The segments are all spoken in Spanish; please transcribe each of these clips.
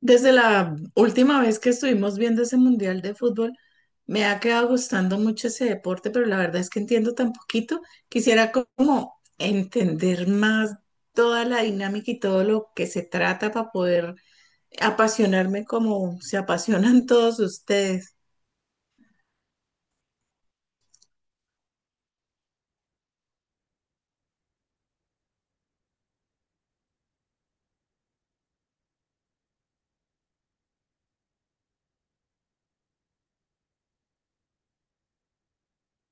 Desde la última vez que estuvimos viendo ese mundial de fútbol, me ha quedado gustando mucho ese deporte, pero la verdad es que entiendo tan poquito. Quisiera como entender más toda la dinámica y todo lo que se trata para poder apasionarme como se apasionan todos ustedes.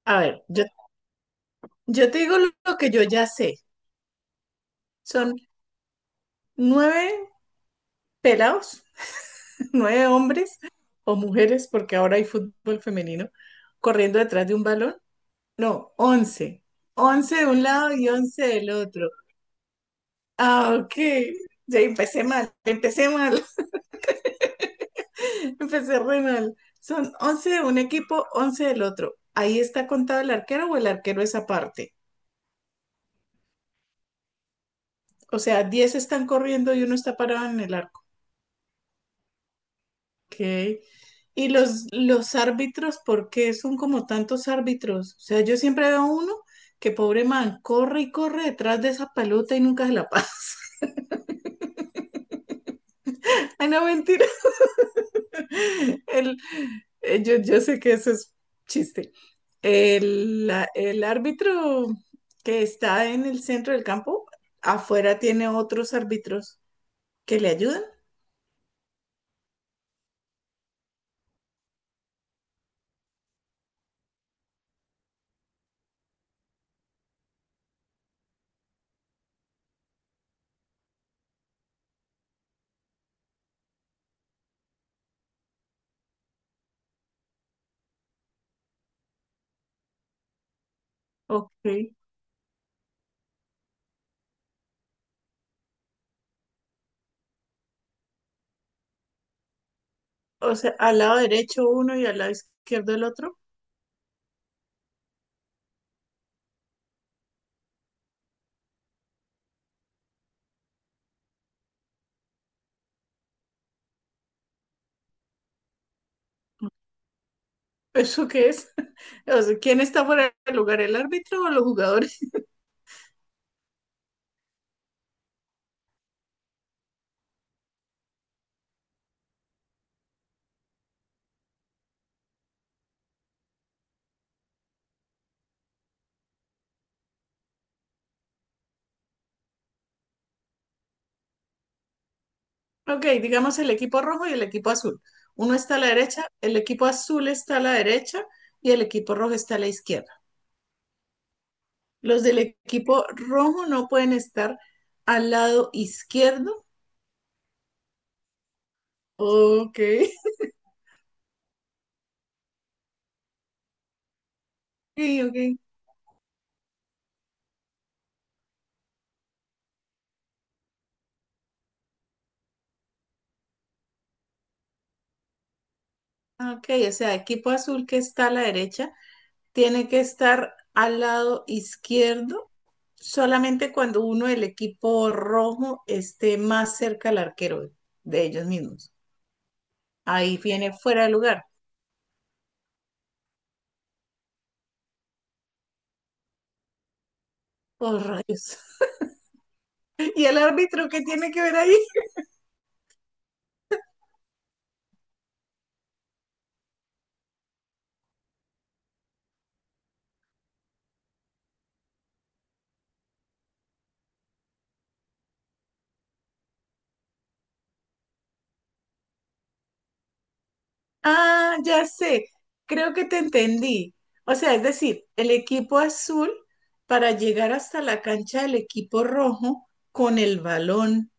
A ver, yo te digo lo que yo ya sé. Son nueve pelados, nueve hombres o mujeres, porque ahora hay fútbol femenino, corriendo detrás de un balón. No, 11, 11 de un lado y 11 del otro. Ah, ok. Ya empecé mal, empecé re mal. Son 11 de un equipo, 11 del otro. ¿Ahí está contado el arquero o el arquero es aparte? O sea, 10 están corriendo y uno está parado en el arco. Ok. ¿Y los árbitros, por qué son como tantos árbitros? O sea, yo siempre veo uno que pobre man corre y corre detrás de esa pelota y nunca se la pasa. Ay, no, mentira. El- yo sé que eso es chiste. El árbitro que está en el centro del campo, afuera tiene otros árbitros que le ayudan. Ok. O sea, al lado derecho uno y al lado izquierdo el otro. ¿Eso qué es? O sea, ¿quién está fuera del lugar, el árbitro o los jugadores? Ok, digamos el equipo rojo y el equipo azul. Uno está a la derecha, el equipo azul está a la derecha y el equipo rojo está a la izquierda. Los del equipo rojo no pueden estar al lado izquierdo. Ok, ok, ok. Ok, o sea, equipo azul que está a la derecha tiene que estar al lado izquierdo solamente cuando uno del equipo rojo esté más cerca al arquero de ellos mismos. Ahí viene fuera de lugar. Oh, rayos. ¿Y el árbitro qué tiene que ver ahí? Ah, ya sé, creo que te entendí. O sea, es decir, el equipo azul para llegar hasta la cancha del equipo rojo con el balón,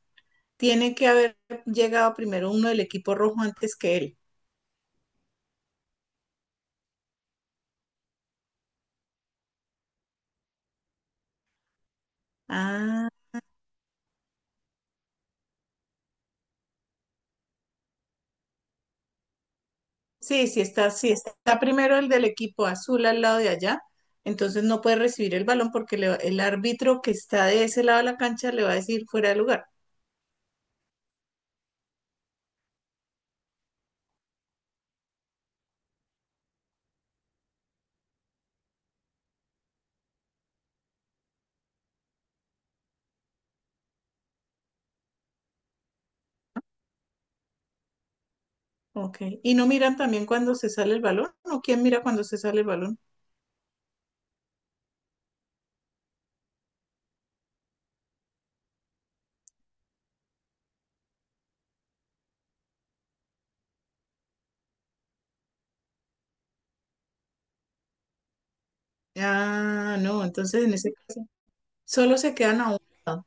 tiene que haber llegado primero uno del equipo rojo antes que él. Ah, sí, sí está primero el del equipo azul al lado de allá, entonces no puede recibir el balón porque el árbitro que está de ese lado de la cancha le va a decir fuera de lugar. Ok. ¿Y no miran también cuando se sale el balón? ¿O quién mira cuando se sale el balón? Ah, no, entonces en ese caso solo se quedan a un lado.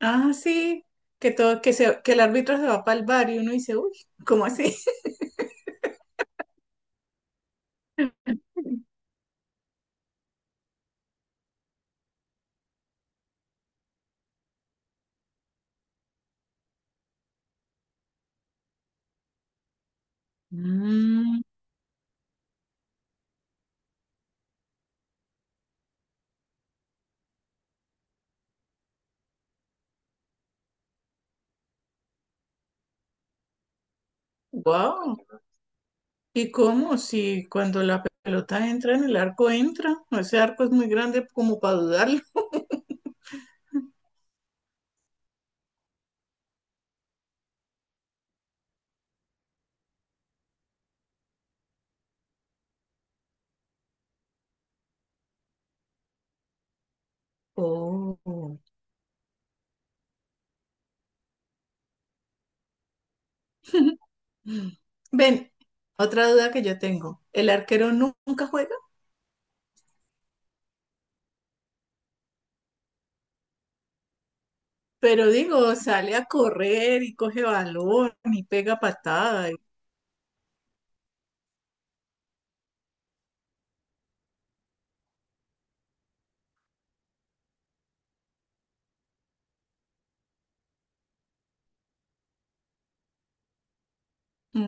Ah, sí, que el árbitro se va para el bar y uno dice, uy, ¿cómo así? Mm, wow. ¿Y cómo? Si cuando la pelota entra en el arco entra, ese arco es muy grande como para dudar. Oh. Ven, otra duda que yo tengo. El arquero nunca juega, pero digo, sale a correr y coge balón y pega patada. Y- mm,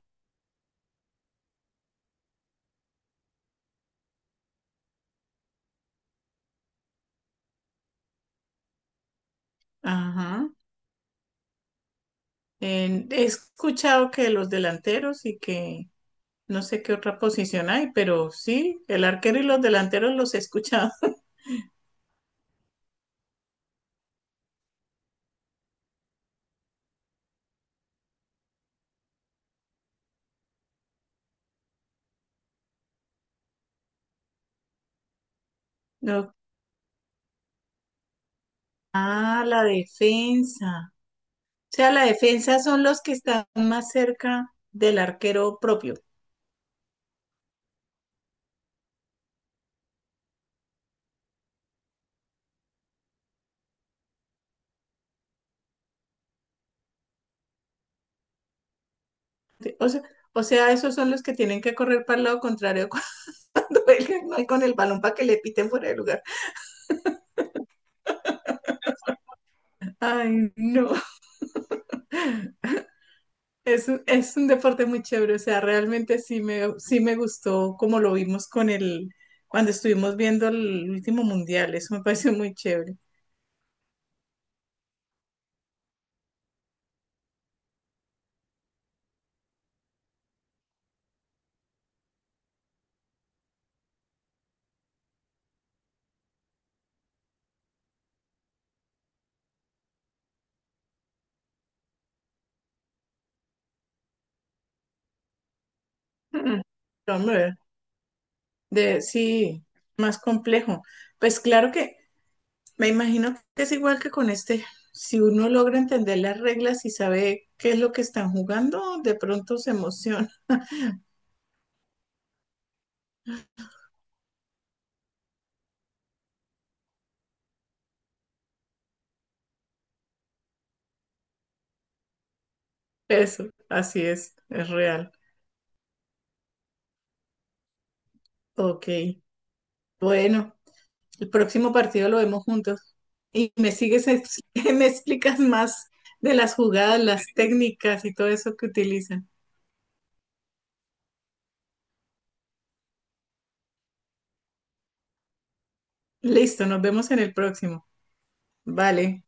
Ajá. He escuchado que los delanteros y que no sé qué otra posición hay, pero sí, el arquero y los delanteros los he escuchado. No. Ah, la defensa. O sea, la defensa son los que están más cerca del arquero propio. Sí, O sea, esos son los que tienen que correr para el lado contrario cuando él no hay con el balón para que le piten fuera de lugar. Ay, no. Es un deporte muy chévere. O sea, realmente sí me gustó como lo vimos con el, cuando estuvimos viendo el último mundial. Eso me pareció muy chévere. Mm, Hombre, sí, más complejo. Pues claro que me imagino que es igual que con este. Si uno logra entender las reglas y sabe qué es lo que están jugando, de pronto se emociona. Eso, así es real. Ok, bueno, el próximo partido lo vemos juntos. Y me sigues, me explicas más de las jugadas, las técnicas y todo eso que utilizan. Listo, nos vemos en el próximo. Vale.